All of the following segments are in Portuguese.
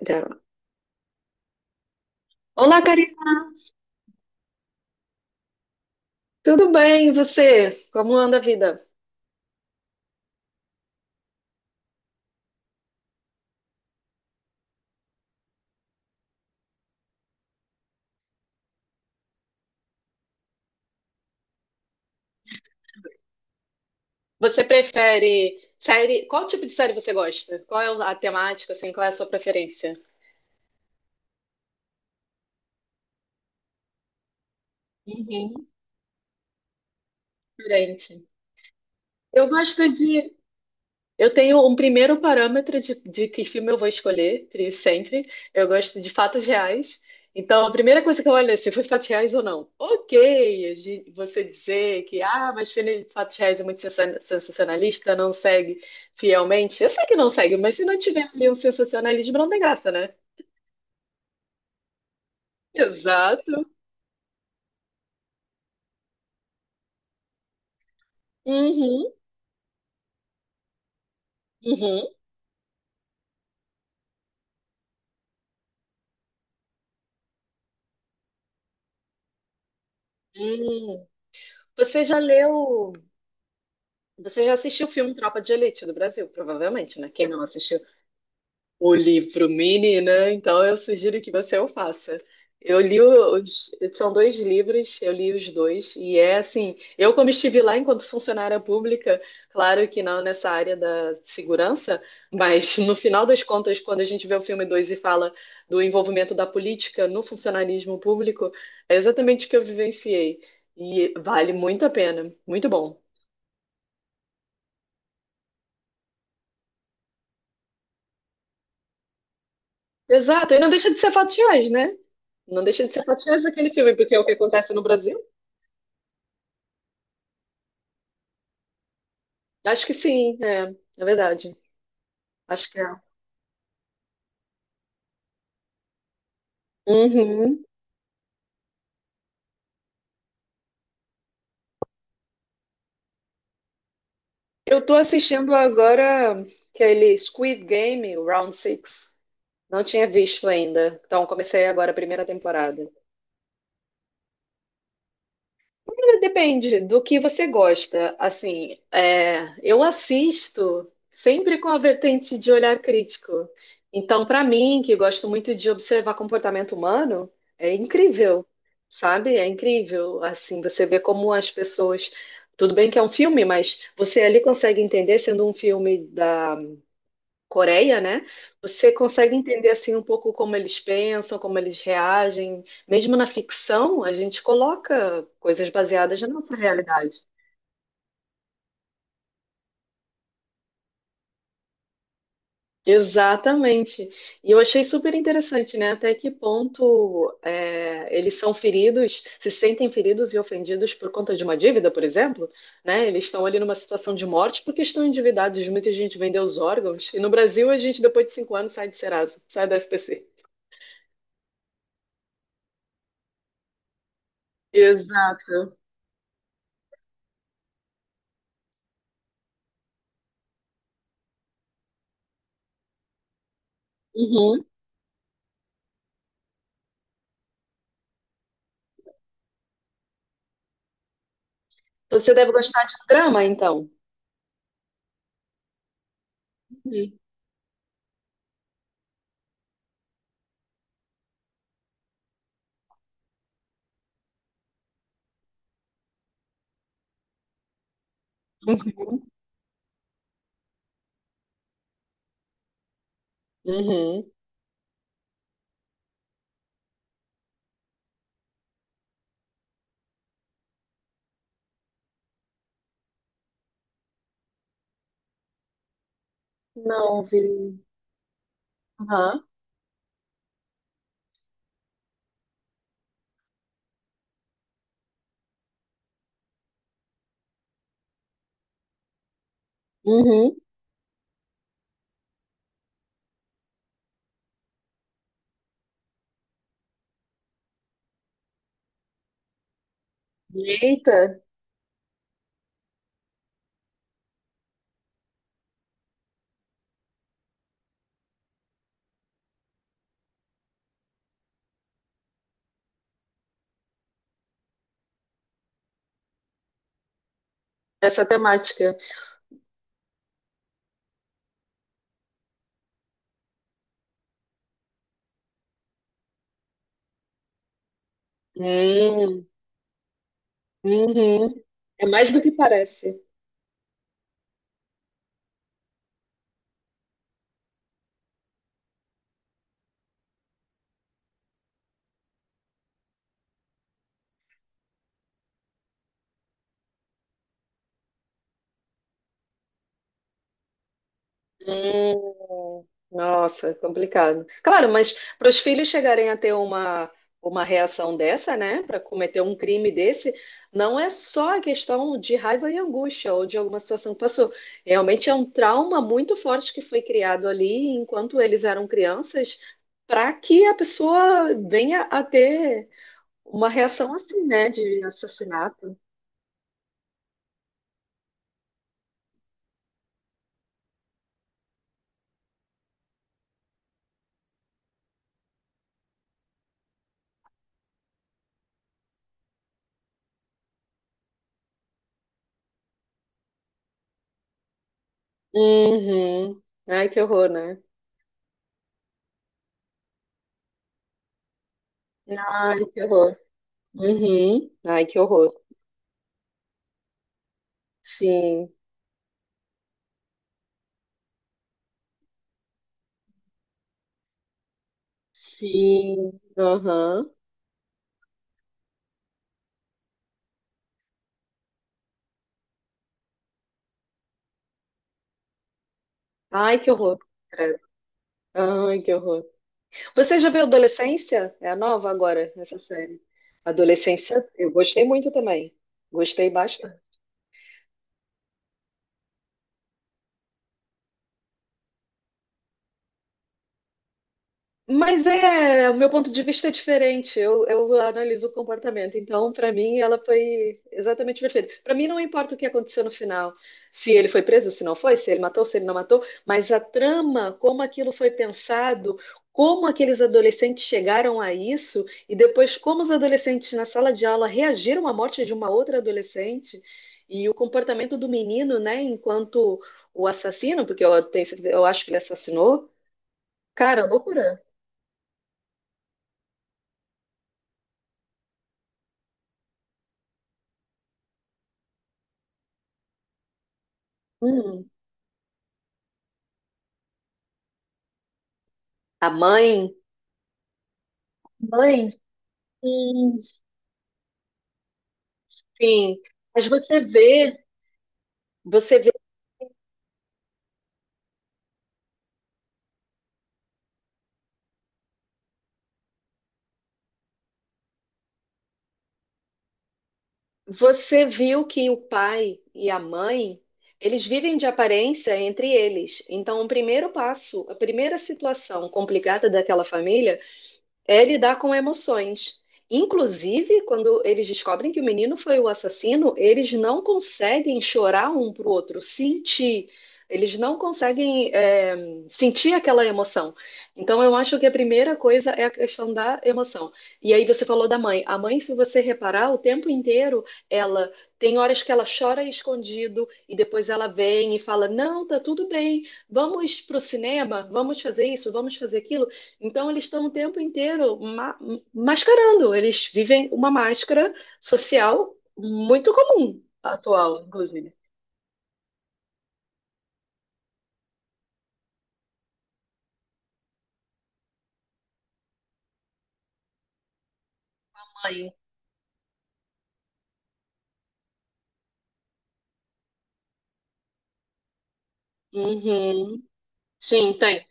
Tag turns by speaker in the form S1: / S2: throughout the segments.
S1: Grava. Olá, Karina. Tudo bem? E você? Como anda a vida? Você prefere série? Qual tipo de série você gosta? Qual é a temática, assim? Qual é a sua preferência? Uhum. Diferente. Eu gosto de Eu tenho um primeiro parâmetro de que filme eu vou escolher, sempre. Eu gosto de fatos reais. Então, a primeira coisa que eu olho é se foi fatos reais ou não. Ok, você dizer que, ah, mas filme de fatos reais é muito sensacionalista, não segue fielmente. Eu sei que não segue, mas se não tiver ali um sensacionalismo, não tem graça, né? Exato. Uhum, uhum, uhum. Você já leu, você já assistiu o filme Tropa de Elite do Brasil, provavelmente, né? Quem não assistiu? O livro mini, né? Então eu sugiro que você o faça. Eu li os, são dois livros, eu li os dois, e é assim, eu como estive lá enquanto funcionária pública, claro que não nessa área da segurança, mas no final das contas, quando a gente vê o filme 2 e fala do envolvimento da política no funcionarismo público, é exatamente o que eu vivenciei. E vale muito a pena, muito bom. Exato, e não deixa de ser fatiões, né? Não deixa de ser fatiões aquele filme, porque é o que acontece no Brasil. Acho que sim, é verdade. Acho que é. Uhum. Eu tô assistindo agora aquele Squid Game, o Round Six. Não tinha visto ainda. Então comecei agora a primeira temporada. Depende do que você gosta. Assim, é, eu assisto sempre com a vertente de olhar crítico. Então, para mim, que gosto muito de observar comportamento humano, é incrível, sabe? É incrível. Assim, você vê como as pessoas. Tudo bem que é um filme, mas você ali consegue entender, sendo um filme Coreia, né? Você consegue entender assim um pouco como eles pensam, como eles reagem. Mesmo na ficção, a gente coloca coisas baseadas na nossa realidade. Exatamente. E eu achei super interessante, né? Até que ponto é, eles são feridos, se sentem feridos e ofendidos por conta de uma dívida, por exemplo, né? Eles estão ali numa situação de morte porque estão endividados. Muita gente vendeu os órgãos. E no Brasil, a gente, depois de cinco anos, sai de Serasa, sai da SPC. Exato. Uhum. Você deve gostar de drama, então. Uhum. Uhum. Uhum. Não, vi. Aham. Uhum. Eita, essa temática. Hum. Uhum. É mais do que parece. Hum, nossa, complicado. Claro, mas para os filhos chegarem a ter uma reação dessa, né, para cometer um crime desse, não é só a questão de raiva e angústia ou de alguma situação que passou. Realmente é um trauma muito forte que foi criado ali enquanto eles eram crianças, para que a pessoa venha a ter uma reação assim, né, de assassinato. Uhum. Ai, que horror, né? Ai, que horror. Uhum. Ai, que horror. Sim, sim, aham. Ai, que horror. Credo. Ai, que horror. Você já viu Adolescência? É a nova agora, essa série. Adolescência, eu gostei muito também. Gostei. Mas é, o meu ponto de vista é diferente. Eu analiso o comportamento. Então, para mim, ela foi exatamente perfeita. Para mim, não importa o que aconteceu no final, se ele foi preso, se não foi, se ele matou, se ele não matou, mas a trama, como aquilo foi pensado, como aqueles adolescentes chegaram a isso e depois como os adolescentes na sala de aula reagiram à morte de uma outra adolescente e o comportamento do menino, né, enquanto o assassino, porque eu, tenho, certeza- eu acho que ele assassinou. Cara, loucura. Hum. A mãe, Mãe, hum, sim. Mas você vê, você vê, você viu que o pai e a mãe, eles vivem de aparência entre eles. Então, o primeiro passo, a primeira situação complicada daquela família é lidar com emoções. Inclusive, quando eles descobrem que o menino foi o assassino, eles não conseguem chorar um para o outro, sentir. Eles não conseguem sentir aquela emoção. Então, eu acho que a primeira coisa é a questão da emoção. E aí, você falou da mãe. A mãe, se você reparar, o tempo inteiro, ela tem horas que ela chora escondido e depois ela vem e fala: Não, tá tudo bem, vamos pro cinema, vamos fazer isso, vamos fazer aquilo. Então, eles estão o tempo inteiro mascarando, eles vivem uma máscara social muito comum, atual, inclusive. Mãe. Uhum. Sim, tem.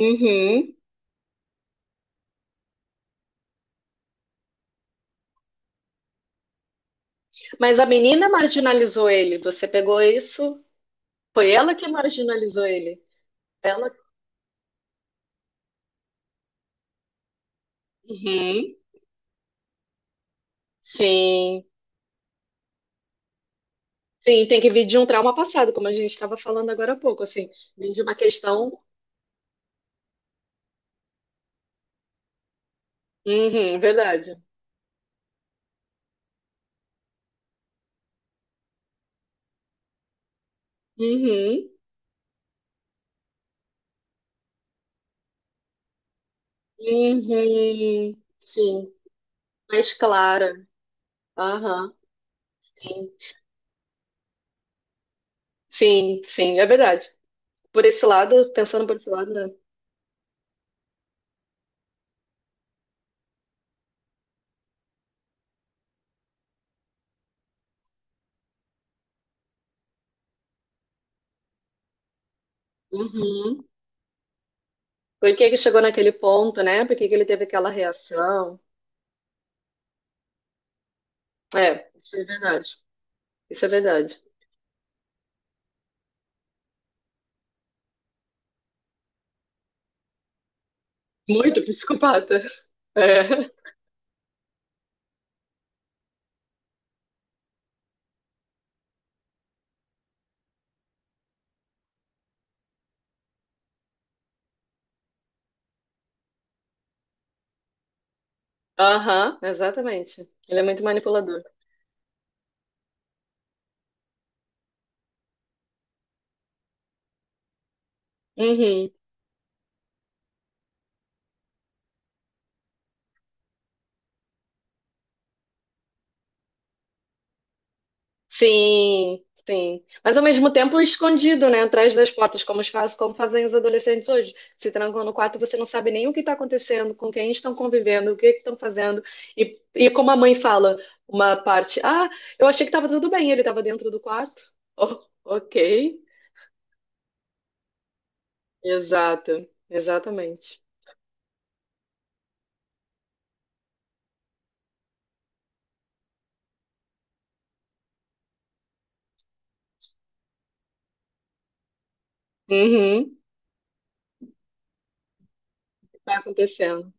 S1: Uhum. Mas a menina marginalizou ele, você pegou isso? Foi ela que marginalizou ele. Ela. Uhum. Sim. Sim, tem que vir de um trauma passado, como a gente estava falando agora há pouco, assim, vir de uma questão. Uhum, verdade. Uhum. Uhum. Sim. Mais clara. Aham. Sim, sim, sim, é verdade. Por esse lado, pensando por esse lado, né? Uhum. Por que que chegou naquele ponto, né? Por que que ele teve aquela reação? É, isso é verdade. Isso é verdade. Muito psicopata. É. Aham, exatamente. Ele é muito manipulador. Uhum. Sim, sim. Mas ao mesmo tempo escondido, né? Atrás das portas, como fazem os adolescentes hoje. Se trancam no quarto, você não sabe nem o que está acontecendo, com quem estão convivendo, o que que estão fazendo. E como a mãe fala, uma parte, ah, eu achei que estava tudo bem, ele estava dentro do quarto. Oh, ok. Exato, exatamente. Uhum, está acontecendo.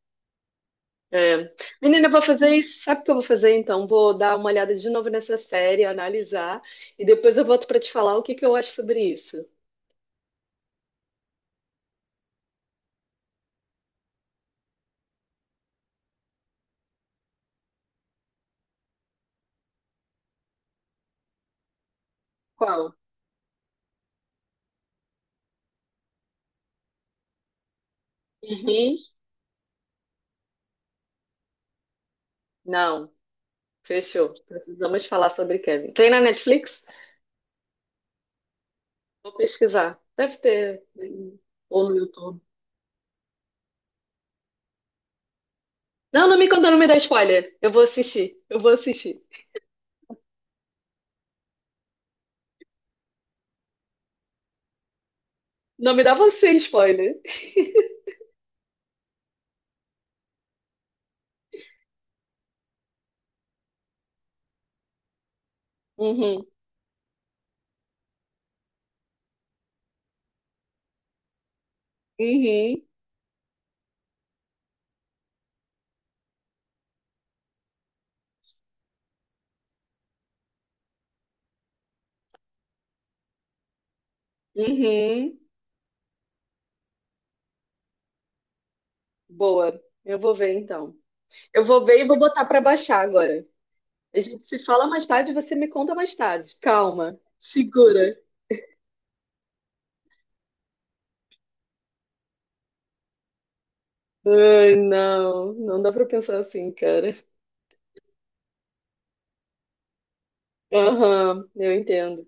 S1: É. Menina, eu vou fazer isso. Sabe o que eu vou fazer então? Vou dar uma olhada de novo nessa série, analisar, e depois eu volto para te falar o que que eu acho sobre isso. Qual? Uhum. Não, fechou. Precisamos falar sobre Kevin. Tem na Netflix? Vou pesquisar. Deve ter. Ou no YouTube. Não, não me conta, não me dá spoiler. Eu vou assistir. Eu vou assistir. Não me dá você spoiler. Uhum. Uhum. Uhum. Boa. Eu vou ver então. Eu vou ver e vou botar para baixar agora. A gente se fala mais tarde, você me conta mais tarde. Calma, segura. Ai, não, não dá pra pensar assim, cara. Aham, eu entendo.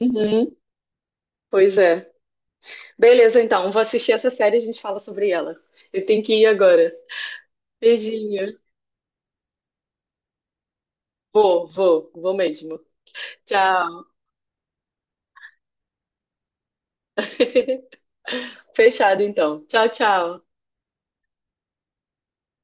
S1: Uhum, pois é. Beleza, então, vou assistir essa série e a gente fala sobre ela. Eu tenho que ir agora. Beijinho. Vou, vou, vou mesmo. Tchau. Fechado, então. Tchau, tchau.